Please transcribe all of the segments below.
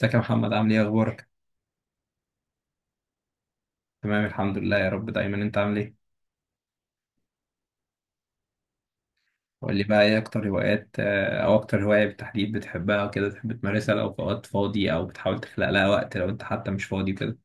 ازيك يا محمد؟ عامل ايه؟ اخبارك؟ تمام الحمد لله يا رب. دايما انت عامل ايه؟ قول لي بقى، ايه اكتر هوايات او اكتر هواية بالتحديد بتحبها وكده، تحب تمارسها لو في وقت فاضي او بتحاول تخلق لها وقت لو انت حتى مش فاضي وكده؟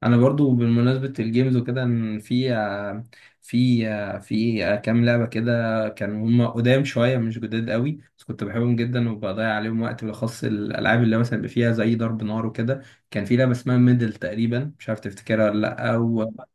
انا برضو بالمناسبة الجيمز وكده، ان في كام لعبة كده كانوا هم قدام شوية، مش جداد قوي، بس كنت بحبهم جدا وبضيع عليهم وقت، بالاخص الالعاب اللي مثلا بيبقى فيها زي ضرب نار وكده. كان في لعبة اسمها ميدل تقريبا، مش عارف تفتكرها ولا لا.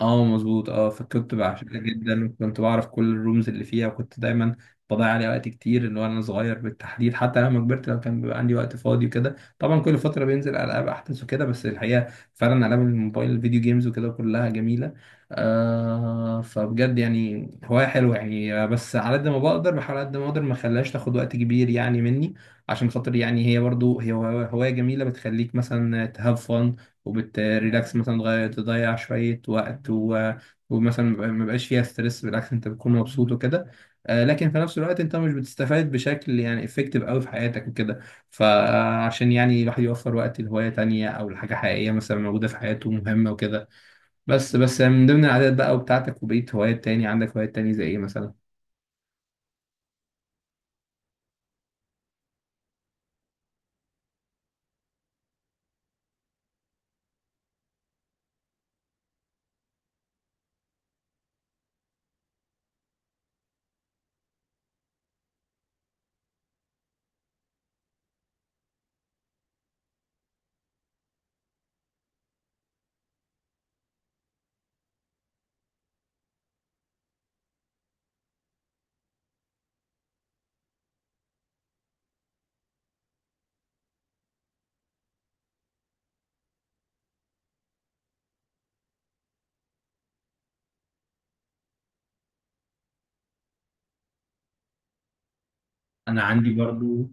اه مظبوط اه، فكنت بعشقها جدا وكنت بعرف كل الرومز اللي فيها، وكنت دايما بضيع عليها وقت كتير، اللي هو انا صغير بالتحديد. حتى لما كبرت لو كان بيبقى عندي وقت فاضي وكده، طبعا كل فتره بينزل العاب احدث وكده، بس الحقيقه فعلا العاب الموبايل الفيديو جيمز وكده كلها جميله. فبجد يعني هوايه حلوه، يعني بس على قد ما بقدر بحاول على قد ما اقدر ما اخليهاش تاخد وقت كبير يعني مني، عشان خاطر يعني هي برضو هي هواية جميله، بتخليك مثلا تهاف فن وبتريلاكس، مثلا تغير تضيع شوية وقت ومثلا ما بقاش فيها ستريس، بالعكس انت بتكون مبسوط وكده. لكن في نفس الوقت انت مش بتستفاد بشكل يعني افكتيف قوي في حياتك وكده، فعشان يعني الواحد يوفر وقت لهواية تانية او لحاجة حقيقية مثلا موجودة في حياته مهمة وكده. بس من ضمن العادات بقى وبتاعتك وبقيت هوايات تاني، عندك هوايات تاني زي ايه مثلا؟ انا عندي برضو،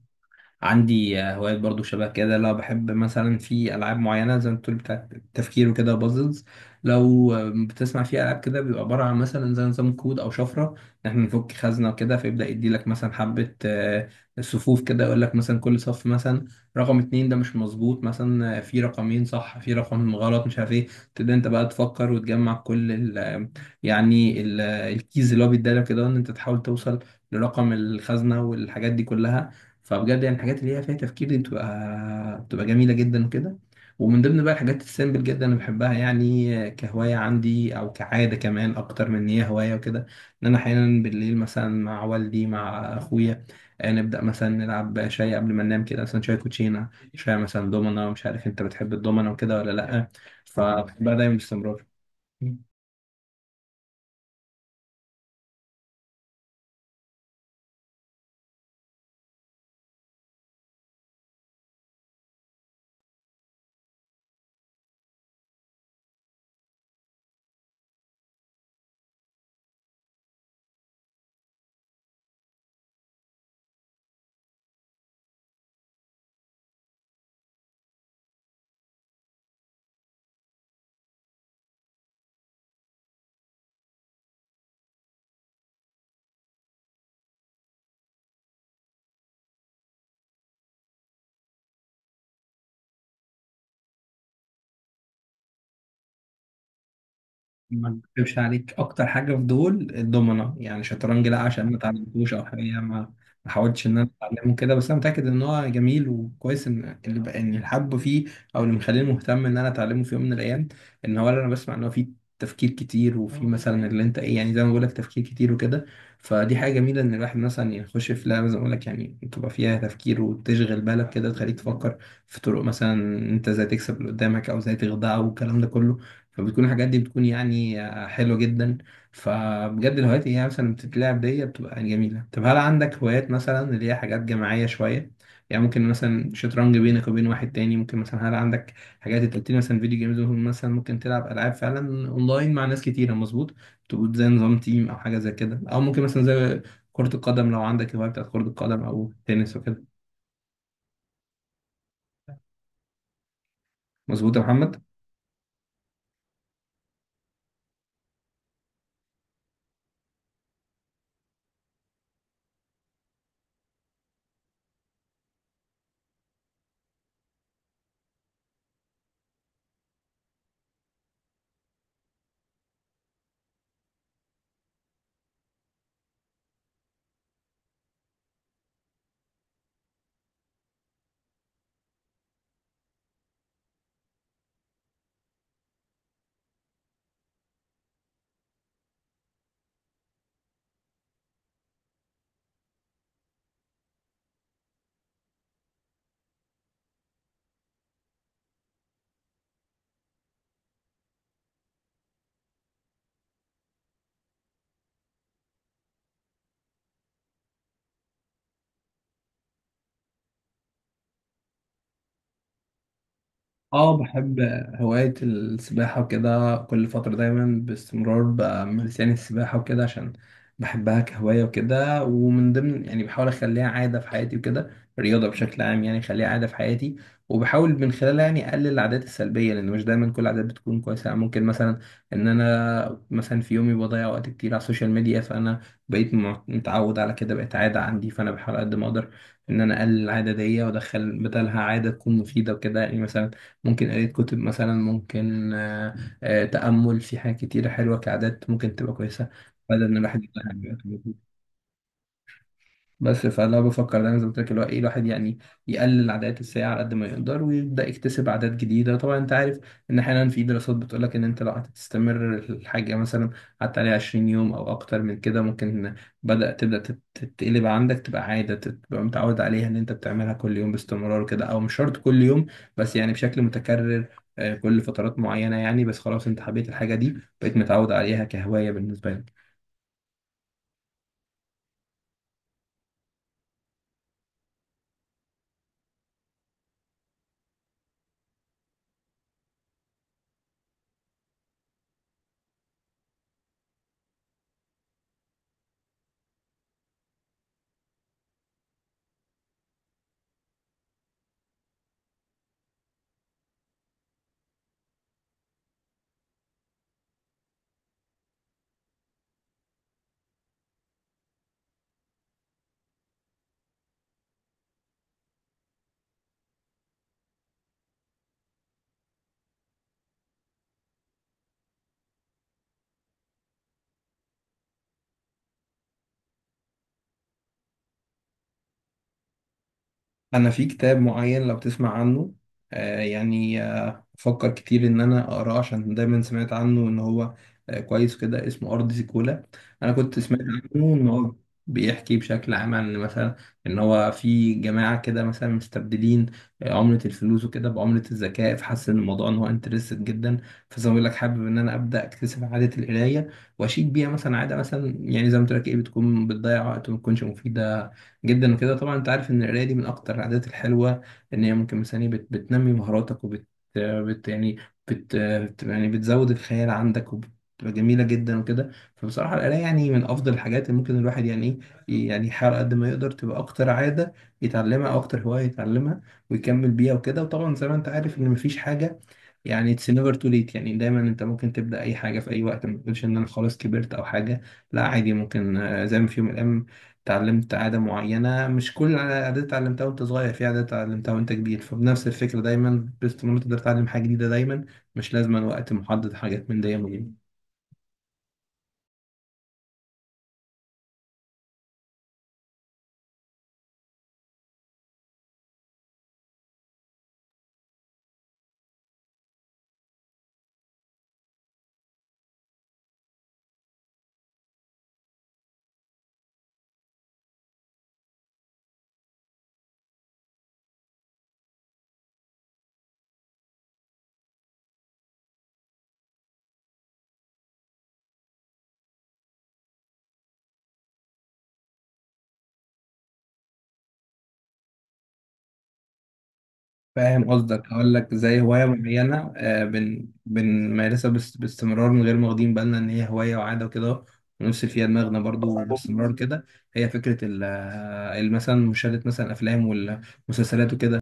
عندي هوايات برضو شبه كده، لو بحب مثلا في العاب معينه زي ما بتقول بتاعت التفكير وكده، بازلز. لو بتسمع في العاب كده بيبقى عباره عن مثلا زي نظام كود او شفره، ان احنا نفك خزنه وكده، فيبدا يدي لك مثلا حبه صفوف كده، يقول لك مثلا كل صف مثلا رقم اتنين ده مش مظبوط، مثلا في رقمين صح في رقم غلط مش عارف ايه، تبدا انت بقى تفكر وتجمع كل ال آه، يعني ال- آه، الكيز اللي هو بيديلك كده، ان انت تحاول توصل لرقم الخزنه والحاجات دي كلها. فبجد يعني الحاجات اللي هي فيها تفكير دي بتبقى جميلة جدا وكده. ومن ضمن بقى الحاجات السيمبل جدا انا بحبها، يعني كهواية عندي او كعادة كمان اكتر من ان هي هواية وكده، ان انا احيانا بالليل مثلا مع والدي مع اخويا نبدأ مثلا نلعب شاي قبل ما ننام، كده مثلا شاي كوتشينة، شاي مثلا دومنا. مش عارف انت بتحب الدومنا وكده ولا لأ، فبحبها دايما باستمرار. ما اكتبش عليك، اكتر حاجه في دول الدومنه يعني. شطرنج لا، عشان ما اتعلمتوش او حاجه، يعني ما حاولتش ان انا اتعلمه كده، بس انا متاكد ان هو جميل وكويس. ان اللي بقى ان الحب فيه او اللي مخليني مهتم ان انا اتعلمه في يوم من الايام، ان هو انا بسمع ان هو فيه تفكير كتير، وفي مثلا اللي انت ايه يعني زي ما بقول لك تفكير كتير وكده. فدي حاجه جميله، ان الواحد مثلا يخش في لعبه زي ما بقول لك يعني تبقى فيها تفكير وتشغل بالك كده وتخليك تفكر في طرق مثلا انت ازاي تكسب اللي قدامك او ازاي تخدعه والكلام ده كله. فبتكون الحاجات دي بتكون يعني حلوة جدا. فبجد الهوايات اللي هي مثلا بتتلعب دي بتبقى يعني جميلة. طب هل عندك هوايات مثلا اللي هي حاجات جماعية شوية؟ يعني ممكن مثلا شطرنج بينك وبين واحد تاني، ممكن مثلا، هل عندك حاجات، انت قلت لي مثلا فيديو جيمز، ممكن مثلا ممكن تلعب ألعاب فعلا أونلاين مع ناس كتيرة مظبوط، تبقوا زي نظام تيم أو حاجة زي كده، أو ممكن مثلا زي كرة القدم، لو عندك هواية بتاعت كرة القدم أو تنس وكده، مظبوط يا محمد؟ اه بحب هواية السباحة وكده، كل فترة دايما باستمرار بمارس يعني السباحة وكده، عشان بحبها كهواية وكده، ومن ضمن يعني بحاول أخليها عادة في حياتي وكده. الرياضة بشكل عام يعني أخليها عادة في حياتي، وبحاول من خلالها يعني أقلل العادات السلبية، لأن مش دايما كل العادات بتكون كويسة. يعني ممكن مثلا إن أنا مثلا في يومي بضيع وقت كتير على السوشيال ميديا، فأنا بقيت متعود على كده، بقت عادة عندي، فأنا بحاول قد ما أقدر إن أنا أقلل العادة دي وأدخل بدلها عادة تكون مفيدة وكده. يعني مثلا ممكن قراية كتب، مثلا ممكن تأمل، في حاجات كتيرة حلوة كعادات ممكن تبقى كويسة بدل إن الواحد يضيع حاجة. بس فانا بفكر دايما زي ما قلت لك اللي هو ايه، الواحد يعني يقلل العادات السيئه على قد ما يقدر ويبدا يكتسب عادات جديده. طبعا انت عارف ان احيانا في دراسات بتقول لك ان انت لو هتستمر الحاجه مثلا قعدت عليها 20 يوم او اكتر من كده، ممكن تتقلب عندك تبقى عاده، تبقى متعود عليها ان انت بتعملها كل يوم باستمرار كده، او مش شرط كل يوم بس يعني بشكل متكرر كل فترات معينه يعني، بس خلاص انت حبيت الحاجه دي بقيت متعود عليها كهوايه بالنسبه لك. انا في كتاب معين لو تسمع عنه يعني بفكر كتير ان انا اقراه، عشان دايما سمعت عنه ان هو كويس كده، اسمه ارض زيكولا. انا كنت سمعت عنه ان هو بيحكي بشكل عام عن مثلا ان هو في جماعه كده مثلا مستبدلين عمله الفلوس وكده بعمله الذكاء، فحس ان الموضوع ان هو انترستد جدا. فزي ما بقول لك حابب ان انا ابدا اكتسب عاده القرايه واشيك بيها مثلا، عاده مثلا يعني زي ما قلت لك ايه بتكون بتضيع وقت وما تكونش مفيده جدا وكده. طبعا انت عارف ان القرايه دي من اكتر العادات الحلوه، ان هي ممكن مثلا إيه، بت بتنمي مهاراتك وبت بت يعني بت بت- يعني بتزود الخيال عندك وبتبقى جميله جدا وكده. فبصراحه القرايه يعني من افضل الحاجات اللي ممكن الواحد يعني ايه يعني يحاول قد ما يقدر تبقى اكتر عاده يتعلمها او اكتر هوايه يتعلمها ويكمل بيها وكده. وطبعا زي ما انت عارف ان مفيش حاجه، يعني اتس نيفر تو ليت، يعني دايما انت ممكن تبدا اي حاجه في اي وقت، ما تقولش ان انا خلاص كبرت او حاجه، لا عادي ممكن. زي ما في يوم من الايام اتعلمت عاده معينه، مش كل العادات اتعلمتها وانت صغير، في عادات اتعلمتها وانت كبير. فبنفس الفكره دايما باستمرار تقدر تتعلم حاجه جديده، دايما مش لازما وقت محدد، حاجات من دايما. فاهم قصدك، هقول لك زي هواية معينة آه، بن بنمارسها بس باستمرار من غير ما واخدين بالنا إن هي هواية وعادة وكده، ونفس فيها دماغنا برضو باستمرار كده. هي فكرة مثلا مشاهدة مثلا أفلام والمسلسلات وكده.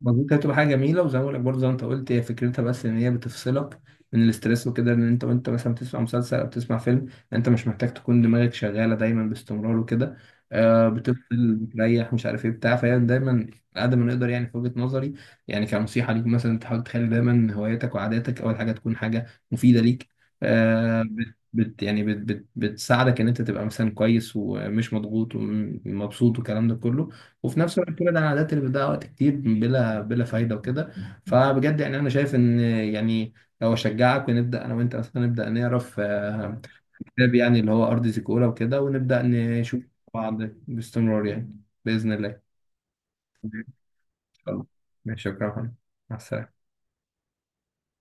مظبوط، هي هتبقى حاجه جميله، وزي ما بقولك برضه زي ما انت قلت هي فكرتها بس ان هي بتفصلك من الاسترس وكده، ان انت وانت مثلا بتسمع مسلسل او بتسمع فيلم انت مش محتاج تكون دماغك شغاله دايما باستمرار وكده. بتفصل، بتريح، مش عارف ايه بتاع، فهي دايما قد ما نقدر يعني في وجهه نظري، يعني كنصيحه ليك مثلا تحاول تخلي دايما هواياتك وعاداتك اول حاجه تكون حاجه مفيده ليك. آه بت بت- يعني بت بت بتساعدك ان انت تبقى مثلا كويس ومش مضغوط ومبسوط والكلام ده كله، وفي نفس الوقت كل ده انا عادات اللي بتضيع وقت كتير بلا بلا فايده وكده. فبجد يعني انا شايف ان يعني لو اشجعك، ونبدا انا وانت اصلا نبدا نقرا في كتاب يعني اللي هو ارض زيكولا وكده، ونبدا نشوف بعض باستمرار يعني باذن الله إن شاء الله. ماشي، شكرا يا محمد. مع السلامه